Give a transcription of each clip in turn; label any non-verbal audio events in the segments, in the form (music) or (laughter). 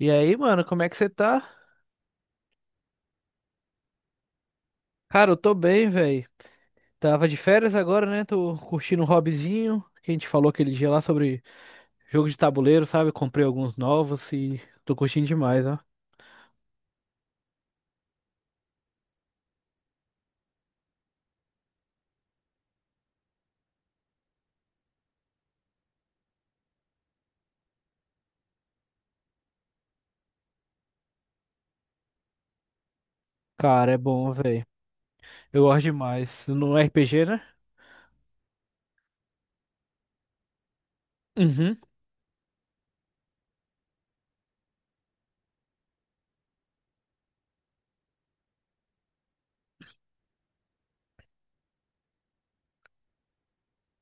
E aí, mano, como é que você tá? Cara, eu tô bem, velho. Tava de férias agora, né? Tô curtindo um hobbyzinho que a gente falou aquele dia lá sobre jogo de tabuleiro, sabe? Comprei alguns novos e tô curtindo demais, ó. Cara, é bom, velho. Eu gosto demais. No RPG, né? Uhum.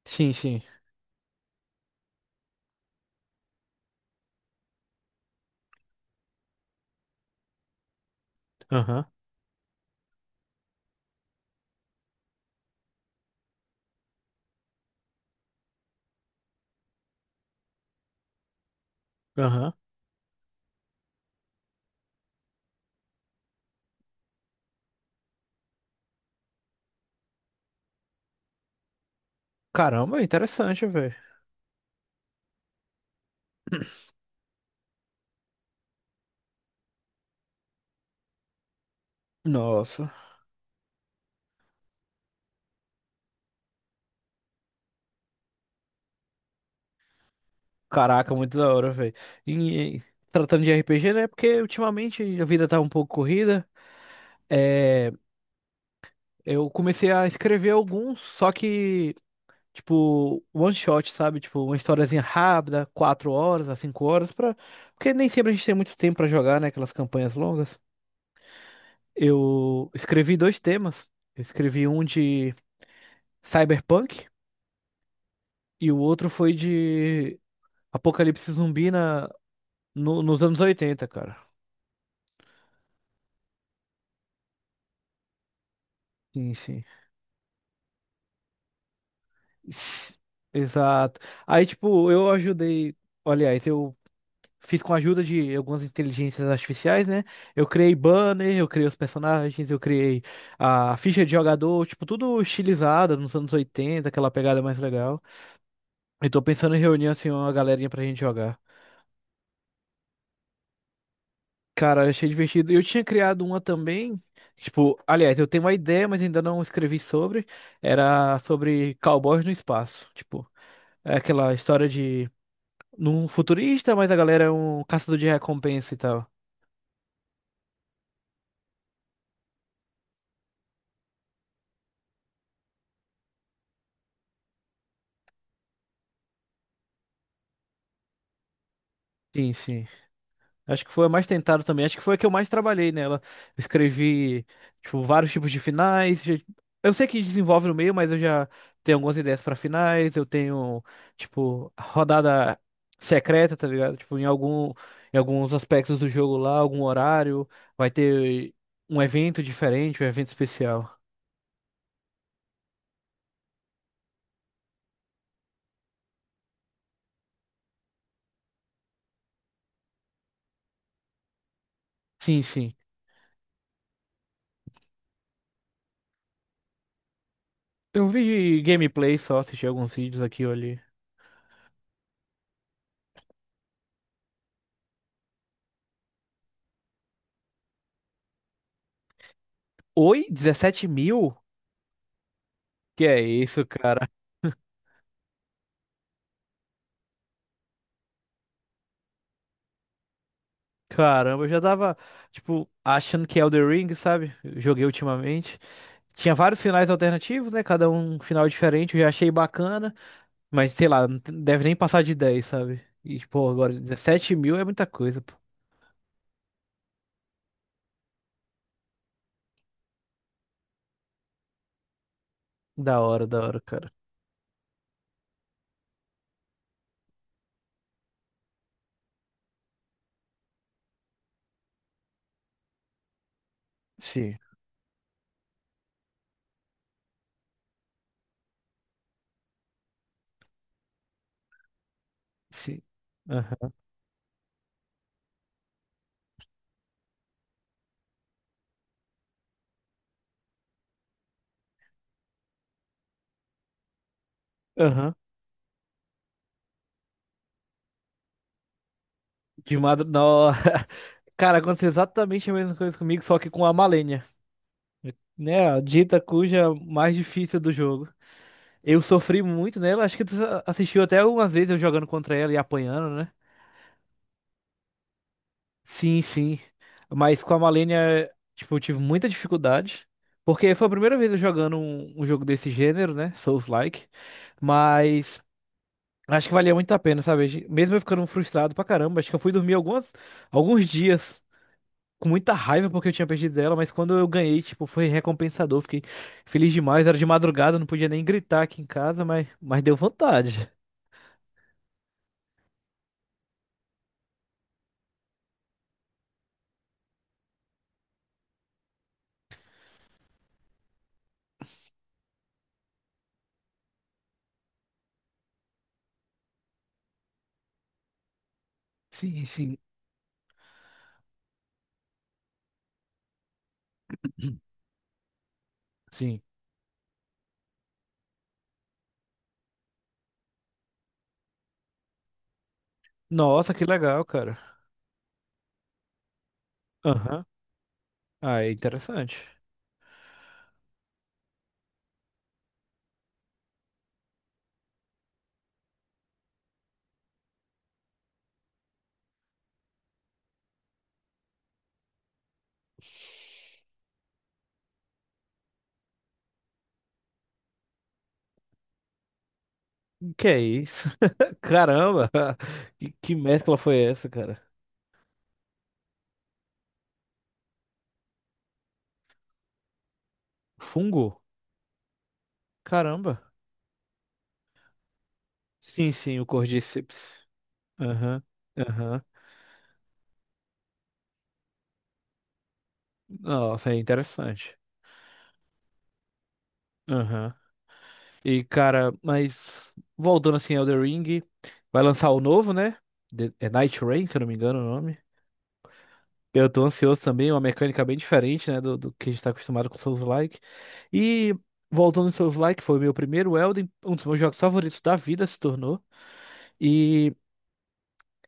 Sim, sim. Aham, aham. Caramba, interessante, velho. Nossa. Caraca, muito da hora, velho. E tratando de RPG, né? Porque ultimamente a vida tá um pouco corrida. É, eu comecei a escrever alguns, só que, tipo, one shot, sabe? Tipo, uma historiazinha rápida, 4 horas a 5 horas, pra. Porque nem sempre a gente tem muito tempo pra jogar, né? Aquelas campanhas longas. Eu escrevi dois temas. Eu escrevi um de Cyberpunk e o outro foi de Apocalipse Zumbi na... no- nos anos 80, cara. Sim, sim. S- Exato. Aí, tipo, eu ajudei. Aliás, eu fiz com a ajuda de algumas inteligências artificiais, né? Eu criei banner, eu criei os personagens, eu criei a ficha de jogador, tipo, tudo estilizado nos anos 80, aquela pegada mais legal. Eu tô pensando em reunir, assim, uma galerinha pra gente jogar. Cara, achei divertido. Eu tinha criado uma também. Tipo, aliás, eu tenho uma ideia, mas ainda não escrevi sobre. Era sobre cowboys no espaço. Tipo, é aquela história de num futurista, mas a galera é um caçador de recompensa e tal. Sim, sim. Acho que foi a mais tentada também. Acho que foi a que eu mais trabalhei nela. Eu escrevi, tipo, vários tipos de finais. Eu sei que desenvolve no meio, mas eu já tenho algumas ideias pra finais. Eu tenho, tipo, rodada secreta, tá ligado? Tipo, em algum, em alguns aspectos do jogo lá, algum horário, vai ter um evento diferente, um evento especial. Sim, sim. Eu vi gameplay só, assisti alguns vídeos aqui ou ali. Oi? 17 mil? Que é isso, cara? (laughs) Caramba, eu já tava, tipo, achando que Elden Ring, sabe? Eu joguei ultimamente. Tinha vários finais alternativos, né? Cada um um final diferente, eu já achei bacana. Mas, sei lá, deve nem passar de 10, sabe? E, pô, agora 17 mil é muita coisa, pô. Da hora, cara. Sim, sim. Aham. Aham. De madrugada. (laughs) Cara, aconteceu exatamente a mesma coisa comigo, só que com a Malenia. Né? A dita cuja mais difícil do jogo. Eu sofri muito nela, acho que tu assistiu até algumas vezes eu jogando contra ela e apanhando, né? Sim, sim. Mas com a Malenia, tipo, eu tive muita dificuldade. Porque foi a primeira vez eu jogando um jogo desse gênero, né? Souls-like. Mas acho que valia muito a pena, sabe? Mesmo eu ficando frustrado pra caramba, acho que eu fui dormir algumas, alguns dias com muita raiva porque eu tinha perdido ela, mas quando eu ganhei, tipo, foi recompensador. Fiquei feliz demais. Era de madrugada, não podia nem gritar aqui em casa, mas deu vontade. Sim, sim. Sim. Nossa, que legal, cara. Aham. Ah, é interessante. Que é isso? (laughs) Caramba! Que mescla foi essa, cara? Fungo? Caramba. Sim, sim, o Cordyceps. Aham, aham. Nossa, é interessante. Aham. E, cara, mas voltando assim, Elden Ring, vai lançar o novo, né? É Night Rain, se eu não me engano o nome. Eu tô ansioso também, é uma mecânica bem diferente, né, do que a gente tá acostumado com Souls-like. E voltando em Souls-like, foi o meu primeiro Elden, um dos meus jogos favoritos da vida se tornou. E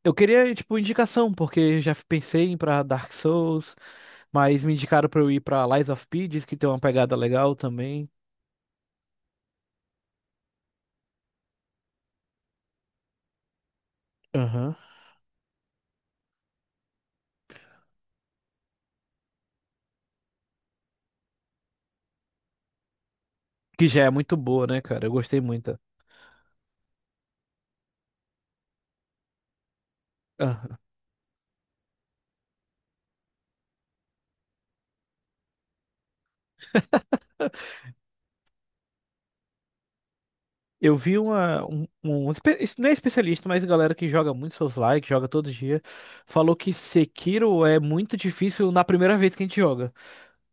eu queria, tipo, indicação, porque já pensei em ir pra Dark Souls, mas me indicaram pra eu ir pra Lies of P, diz que tem uma pegada legal também. Aham. Que já é muito boa, né, cara? Eu gostei muito. Eu vi uma, um não é especialista, mas galera que joga muito Souls-like, que joga todo dia, falou que Sekiro é muito difícil na primeira vez que a gente joga,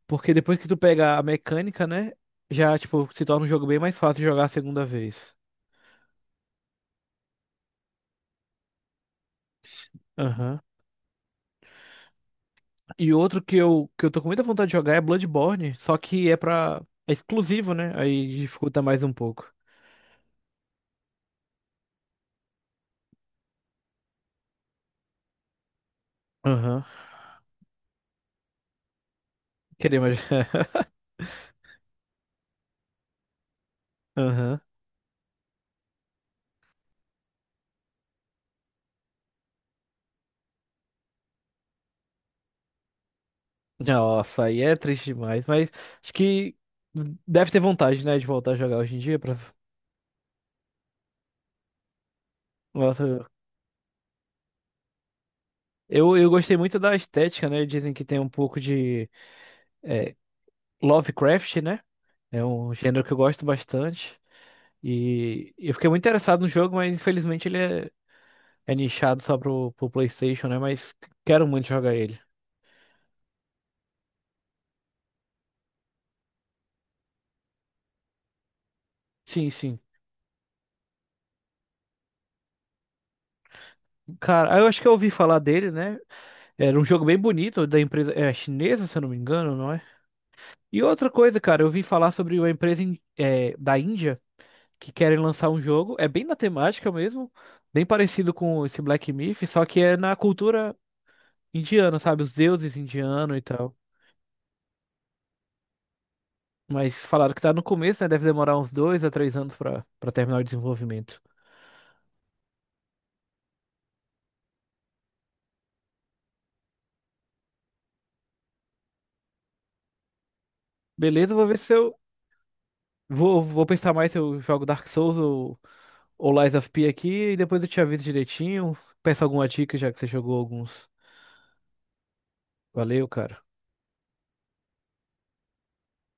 porque depois que tu pega a mecânica, né, já tipo se torna um jogo bem mais fácil de jogar a segunda vez. Aham. E outro que eu tô com muita vontade de jogar é Bloodborne, só que é pra é exclusivo, né? Aí dificulta mais um pouco. Aham. Querer mais. (laughs) Aham. Nossa, aí é triste demais, mas acho que deve ter vontade, né, de voltar a jogar hoje em dia para. Nossa, eu gostei muito da estética, né? Dizem que tem um pouco de é, Lovecraft, né? É um gênero que eu gosto bastante e eu fiquei muito interessado no jogo, mas infelizmente ele é nichado só pro PlayStation, né? Mas quero muito jogar ele. Sim, sim. Cara, eu acho que eu ouvi falar dele, né? Era um jogo bem bonito da empresa chinesa, se eu não me engano, não é? E outra coisa, cara, eu vi falar sobre uma empresa da Índia, que querem lançar um jogo, é bem na temática mesmo, bem parecido com esse Black Myth, só que é na cultura indiana, sabe? Os deuses indianos e tal. Mas falaram que tá no começo, né? Deve demorar uns 2 a 3 anos pra terminar o desenvolvimento. Beleza, vou ver se eu. Vou pensar mais se eu jogo Dark Souls ou Lies of P aqui e depois eu te aviso direitinho. Peço alguma dica já que você jogou alguns. Valeu, cara.